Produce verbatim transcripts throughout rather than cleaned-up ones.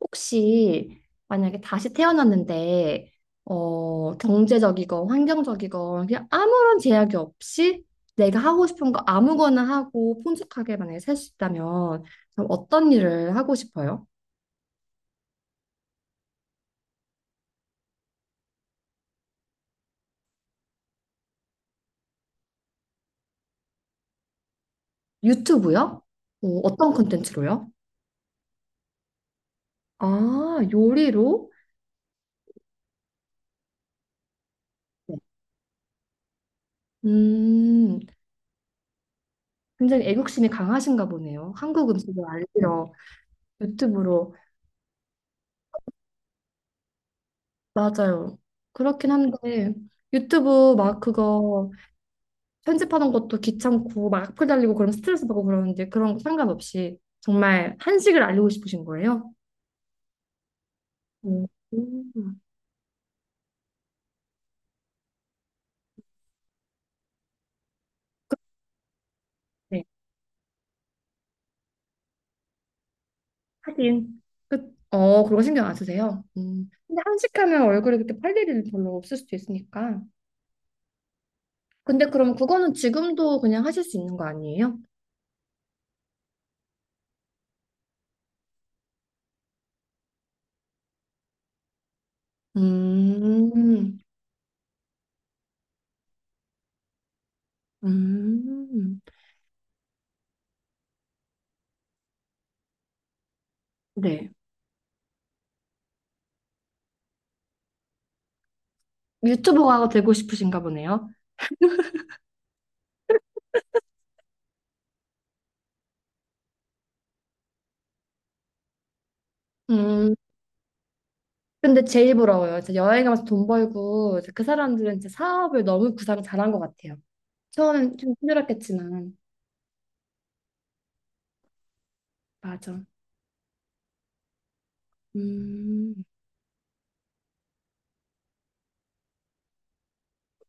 혹시 만약에 다시 태어났는데 어, 경제적이건 환경적이건 그냥 아무런 제약이 없이 내가 하고 싶은 거 아무거나 하고 풍족하게 만약에 살 수 있다면 그럼 어떤 일을 하고 싶어요? 유튜브요? 어, 어떤 콘텐츠로요? 아, 요리로? 네. 음, 굉장히 애국심이 강하신가 보네요. 한국 음식을 알리러 유튜브로. 맞아요. 그렇긴 한데 유튜브 막 그거 편집하는 것도 귀찮고 막 악플 달리고 그럼 스트레스 받고 그러는데 그런 거 상관없이 정말 한식을 알리고 싶으신 거예요? 음. 음. 네, 하긴. 그, 어, 그런 거 신경 안 쓰세요? 음. 근데 한식하면 얼굴에 그렇게 팔 일이 별로 없을 수도 있으니까. 근데 그럼 그거는 지금도 그냥 하실 수 있는 거 아니에요? 음, 음. 네. 유튜버가 되고 싶으신가 보네요. 음, 근데 제일 부러워요. 이제 여행 가면서 돈 벌고 이제 그 사람들은 이제 사업을 너무 구상 잘한 것 같아요. 처음엔 좀 힘들었겠지만 맞아. 음,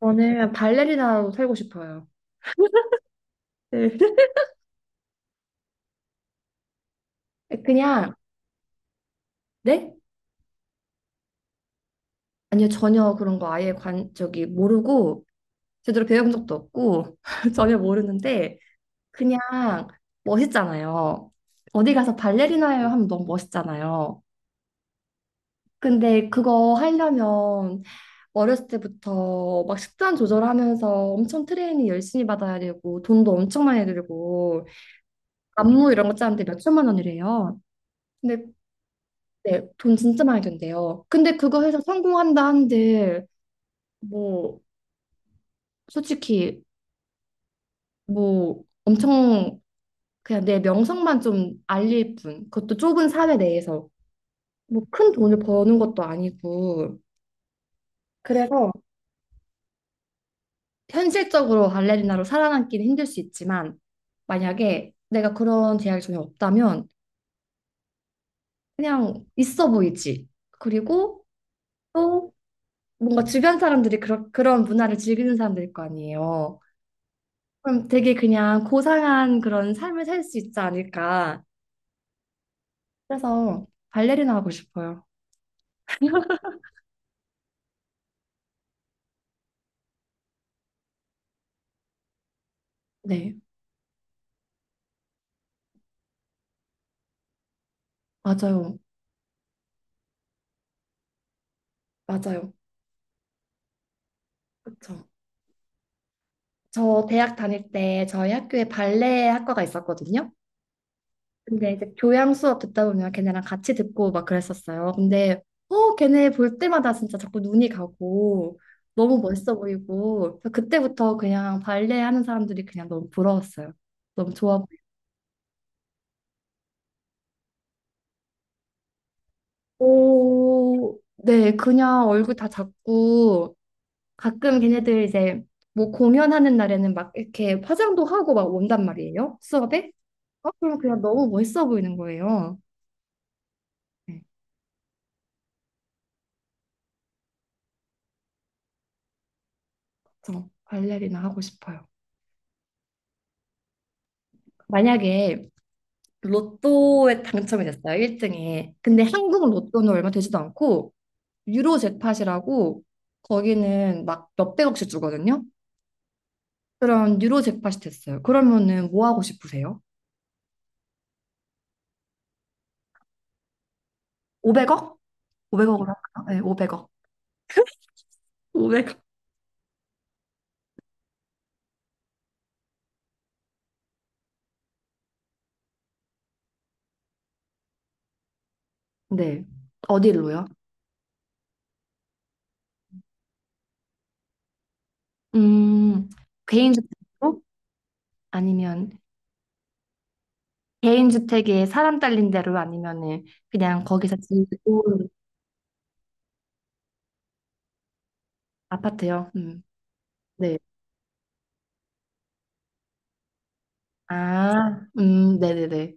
저는 발레리나로 살고 싶어요. 네. 그냥 네? 아니요, 전혀 그런 거 아예 관 저기 모르고 제대로 배워본 적도 없고 전혀 모르는데 그냥 멋있잖아요. 어디 가서 발레리나예요 하면 너무 멋있잖아요. 근데 그거 하려면 어렸을 때부터 막 식단 조절하면서 엄청 트레이닝 열심히 받아야 되고 돈도 엄청 많이 들고 안무 이런 거 짜는데 몇 천만 원이래요. 근데 네, 돈 진짜 많이 든대요. 근데 그거 해서 성공한다 한들 뭐 솔직히 뭐 엄청 그냥 내 명성만 좀 알릴 뿐. 그것도 좁은 사회 내에서 뭐 큰 돈을 버는 것도 아니고. 그래서 현실적으로 발레리나로 살아남기는 힘들 수 있지만 만약에 내가 그런 제약이 전혀 없다면 그냥 있어 보이지. 그리고 또 뭔가 주변 사람들이 그런 그런 문화를 즐기는 사람들일 거 아니에요. 그럼 되게 그냥 고상한 그런 삶을 살 수 있지 않을까. 그래서 발레리나 하고 싶어요. 네, 맞아요. 맞아요. 그쵸. 저 대학 다닐 때 저희 학교에 발레 학과가 있었거든요. 근데 이제 교양 수업 듣다 보면 걔네랑 같이 듣고 막 그랬었어요. 근데 어 걔네 볼 때마다 진짜 자꾸 눈이 가고 너무 멋있어 보이고 그래서 그때부터 그냥 발레 하는 사람들이 그냥 너무 부러웠어요. 너무 좋아 보이고 오, 네 그냥 얼굴 다 작고 가끔 걔네들 이제 뭐 공연하는 날에는 막 이렇게 화장도 하고 막 온단 말이에요. 수업에 어, 그럼 그냥 너무 멋있어 보이는 거예요. 네, 저 발레리나 하고 싶어요. 만약에 로또에 당첨이 됐어요. 일 등에. 근데 한국 로또는 얼마 되지도 않고 유로 잭팟이라고 거기는 막 몇백억씩 주거든요. 그런 유로 잭팟이 됐어요. 그러면은 뭐 하고 싶으세요? 오백억? 오백억으로 할까요? 네, 오백억. 오백억. 네. 어디로요? 음, 개인주택으로? 아니면 개인주택에 사람 딸린 대로 아니면은 그냥 거기서 지고 아파트요? 음, 네. 아, 음, 네네네.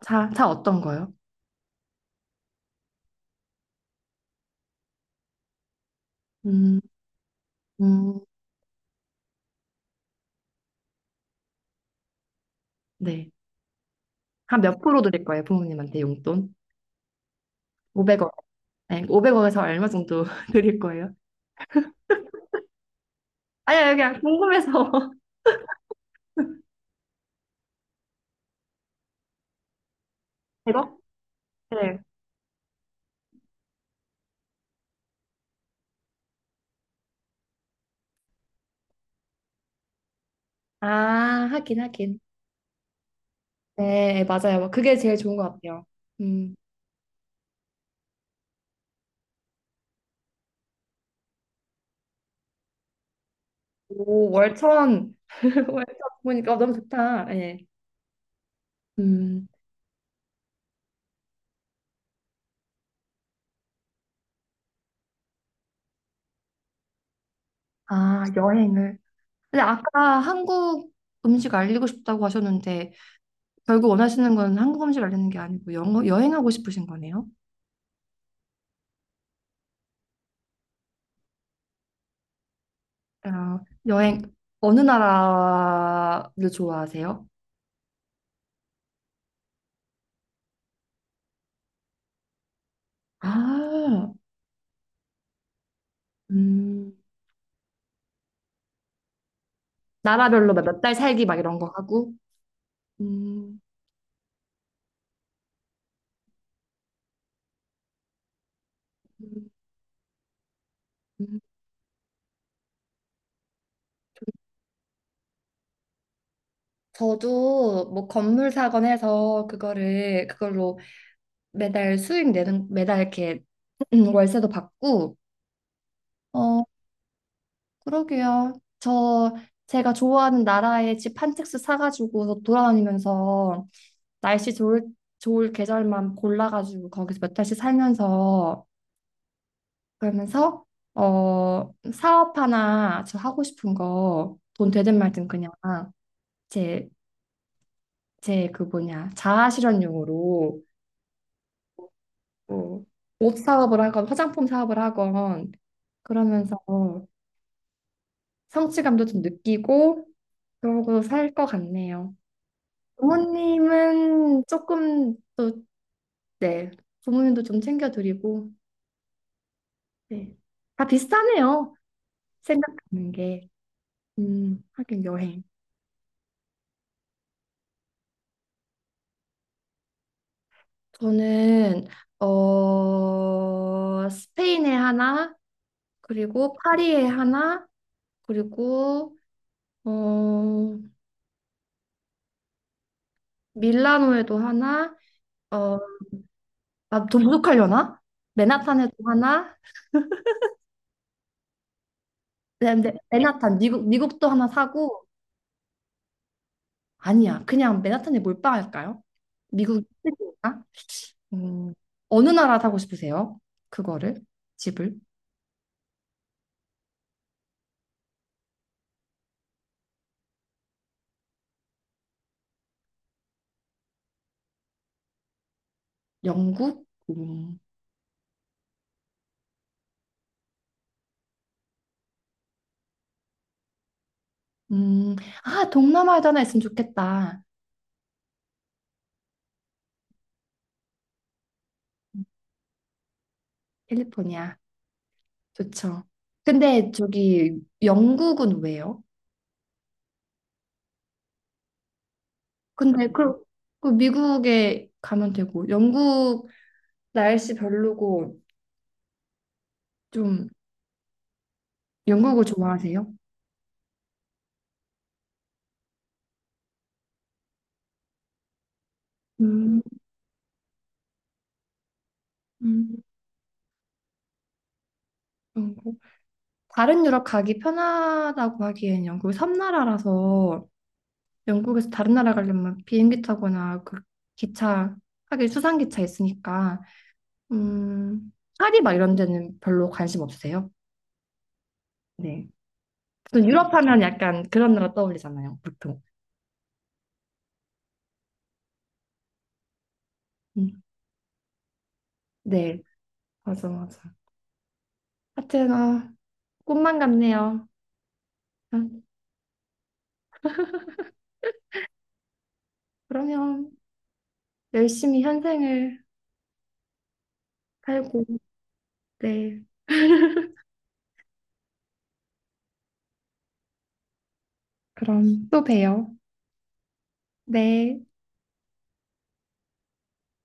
차, 차 어떤 거요? 음, 음, 네. 한 몇 프로 드릴 거예요, 부모님한테 용돈? 오백억. 네, 오억에서 얼마 정도 드릴 거예요? 아니요, 그냥 궁금해서. 일억. 네. 아, 하긴, 하긴. 네, 맞아요. 뭐 그게 제일 좋은 것 같아요. 음, 오, 월천. 월천 보니까 너무 좋다. 네. 음, 아, 여행을. 근데 아까 한국 음식 알리고 싶다고 하셨는데, 결국 원하시는 건 한국 음식 알리는 게 아니고, 영어, 여행하고 싶으신 거네요? 아, 여행 어느 나라를 좋아하세요? 아, 음, 나라별로 몇 달 살기 막 이런 거 하고. 음, 음, 음. 저도 뭐 건물 사건 해서 그거를 그걸로 매달 수익 내는 매달 이렇게 월세도 받고 어 그러게요. 저 제가 좋아하는 나라에 집 한 채씩 사가지고 돌아다니면서 날씨 좋을 좋을 계절만 골라가지고 거기서 몇 달씩 살면서 그러면서 어, 사업 하나 저 하고 싶은 거 돈 되든 말든 그냥 제, 제 그 뭐냐 자아 실현용으로 뭐 옷 사업을 하건 화장품 사업을 하건 그러면서 성취감도 좀 느끼고 그러고 살 것 같네요. 부모님은 조금 또 네, 부모님도 좀 챙겨드리고 네. 다 비슷하네요. 생각하는 게. 음, 하긴 여행. 저는 어 스페인에 하나 그리고 파리에 하나 그리고 어 밀라노에도 하나 어아 더 부족하려나? 맨하탄에도 하나 네, 네, 맨하탄 미국 미국도 하나 사고 아니야 그냥 맨하탄에 몰빵할까요? 미국 시드니까 음 어느 나라 사고 싶으세요? 그거를 집을 영국 음, 음, 아 동남아에도 하나 있으면 좋겠다 캘리포니아. 좋죠. 근데 저기 영국은 왜요? 근데 그, 그 미국에 가면 되고 영국 날씨 별로고 좀 영국을 좋아하세요? 음, 음, 영국. 다른 유럽 가기 편하다고 하기엔 영국 섬나라라서 영국에서 다른 나라 가려면 비행기 타거나 그 기차 하긴 수상기차 있으니까 음, 파리 막 이런 데는 별로 관심 없으세요? 네. 보통 유럽 하면 약간 그런 나라 떠올리잖아요, 보통. 음, 네, 맞아, 맞아. 하여튼, 아, 꿈만 같네요. 아, 그러면 열심히 현생을 살고, 네, 그럼 또 봬요. 네.